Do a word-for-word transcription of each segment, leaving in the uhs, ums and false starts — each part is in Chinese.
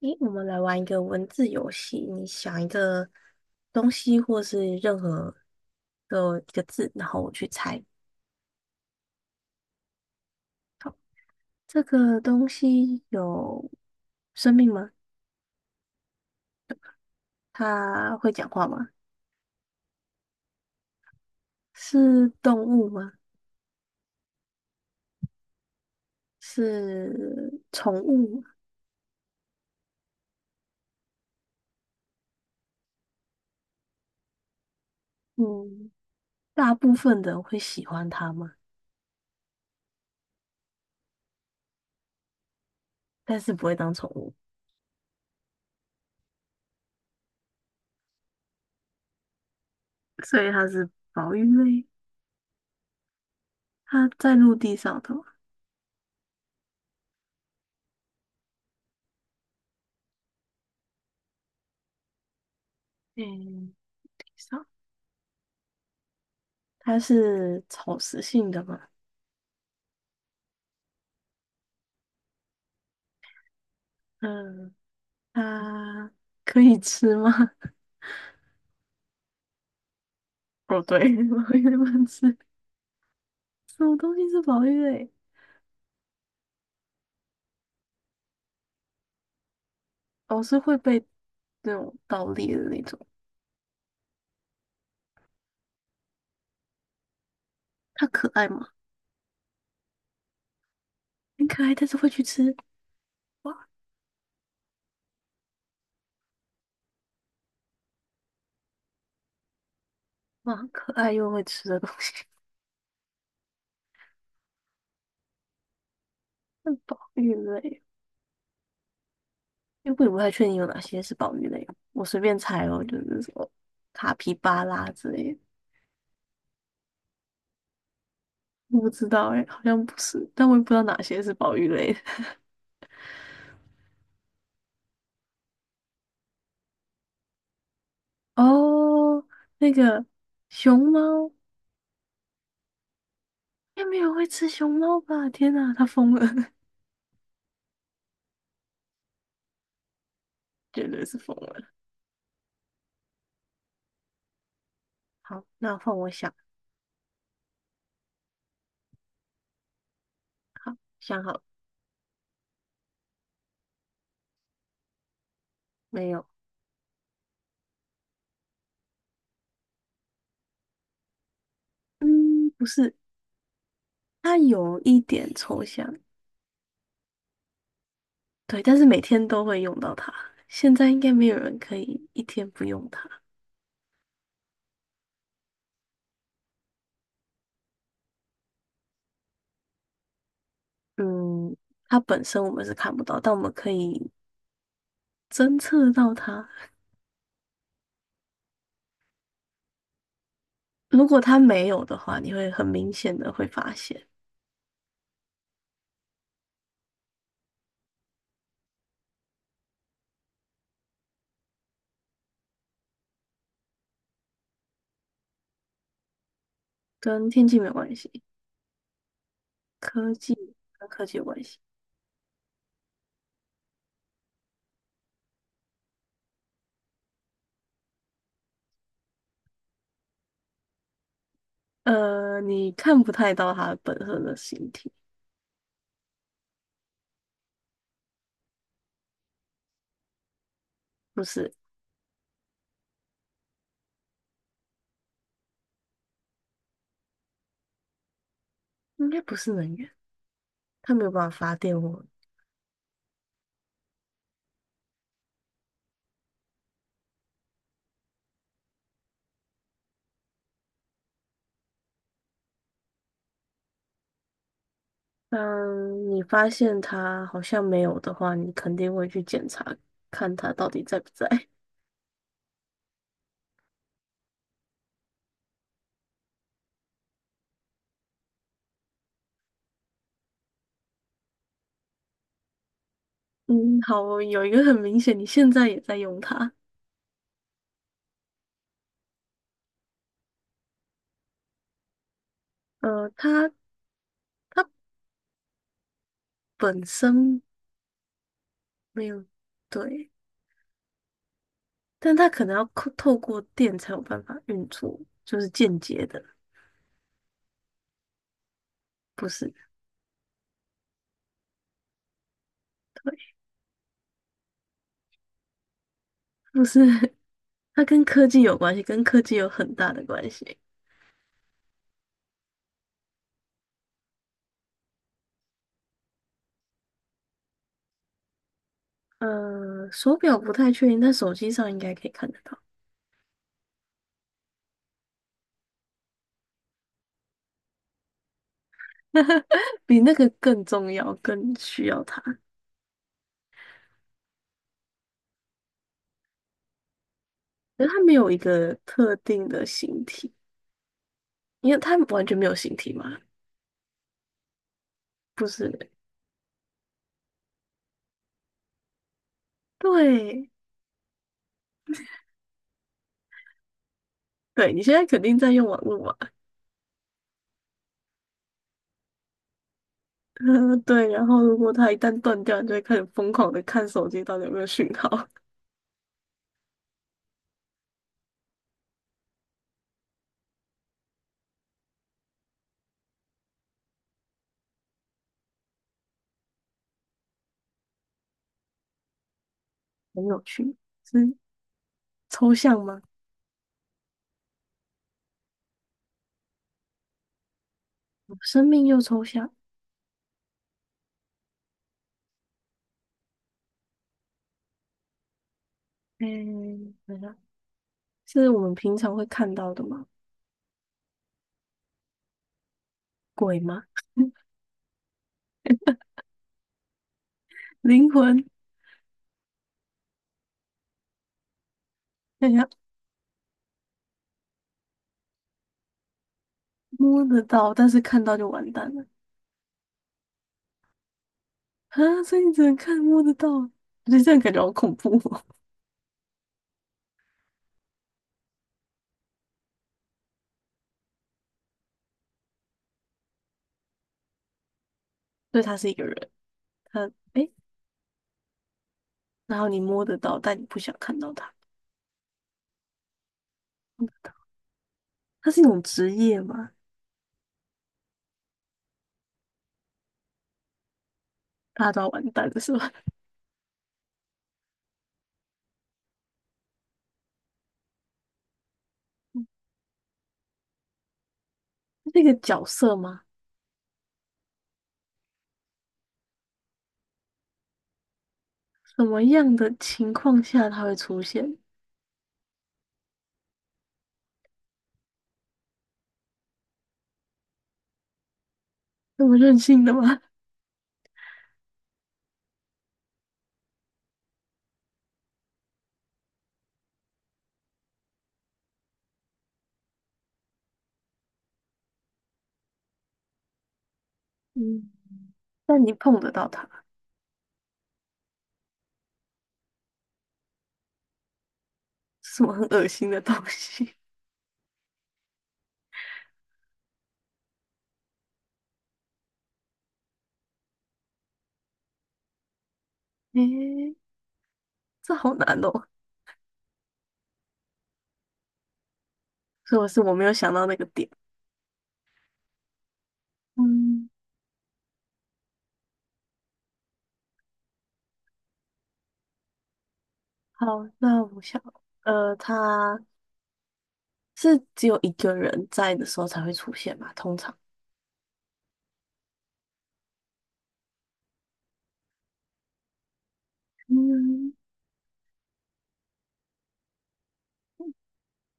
诶，我们来玩一个文字游戏。你想一个东西，或是任何的一个字，然后我去猜这个东西有生命吗？它会讲话吗？是动物吗？是宠物吗？嗯，大部分的人会喜欢它吗？但是不会当宠物，所以它是保育类。它在陆地上的吗？嗯，地上。它是草食性的吗？嗯。它可以吃吗？哦，对，宝玉不能吃。什么东西是宝玉类？哦，是会被那种盗猎的那种。它可爱吗？很可爱，但是会去吃。哇，哇，很可爱又会吃的东西。那宝玉类，因为我也不太确定有哪些是宝玉类，我随便猜哦，就是什么卡皮巴拉之类的。我不知道哎、好像不是，但我也不知道哪些是宝玉类的。 哦，那个熊猫。应该没有会吃熊猫吧？天哪，他疯了，绝对是疯了。好，那换我想，好，想好了没有？嗯，不是，它有一点抽象，对，但是每天都会用到它。现在应该没有人可以一天不用它。嗯，它本身我们是看不到，但我们可以侦测到它。如果它没有的话，你会很明显的会发现，跟天气没有关系，科技跟科技有关系。呃，你看不太到它本身的形体，不是，应该不是能源，它没有办法发电哦。当你发现它好像没有的话，你肯定会去检查，看它到底在不在。嗯，好，有一个很明显，你现在也在用它。呃，它它本身没有，对，但它可能要透透过电才有办法运作，就是间接的，不是，对，不是，它跟科技有关系，跟科技有很大的关系。呃，手表不太确定，但手机上应该可以看得到，比那个更重要，更需要它。可是它没有一个特定的形体，因为它完全没有形体嘛，不是？对，对，你现在肯定在用网络嘛，呃，对。然后如果它一旦断掉，你就会开始疯狂的看手机到底有没有讯号，很有趣，是抽象吗？生命又抽象，嗯，等一下，是我们平常会看到的吗？鬼吗？灵魂？摸得到，但是看到就完蛋了啊！所以你只能看摸得到，我觉得这样感觉好恐怖哦。所以他是一个人，他诶，然后你摸得到，但你不想看到他，他是一种职业吗？大家都要完蛋的是吧？那个角色吗？什么样的情况下他会出现？那么任性的吗？嗯，但你碰得到他，是什么很恶心的东西？诶，这好难哦，所以我是我没有想到那个点。嗯，好，那我想。呃，他是只有一个人在的时候才会出现嘛，通常，嗯，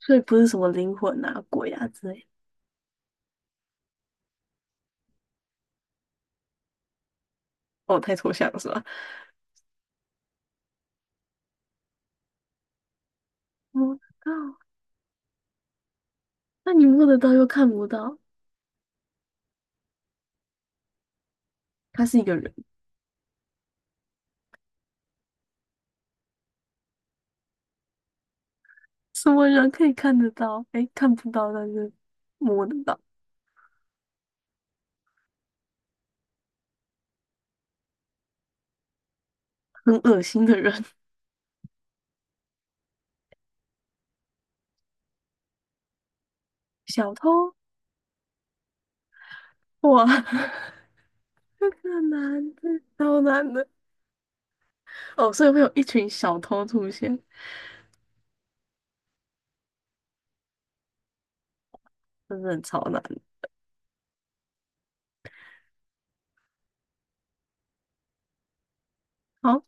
所以不是什么灵魂啊、鬼啊之类的。哦，太抽象了是吧？摸到，那你摸得到又看不到，他是一个人，什么人可以看得到？哎，看不到，但是摸得到，很恶心的人，小偷，哇，这个男的好超难的哦，所以会有一群小偷出现，真的很超难。好，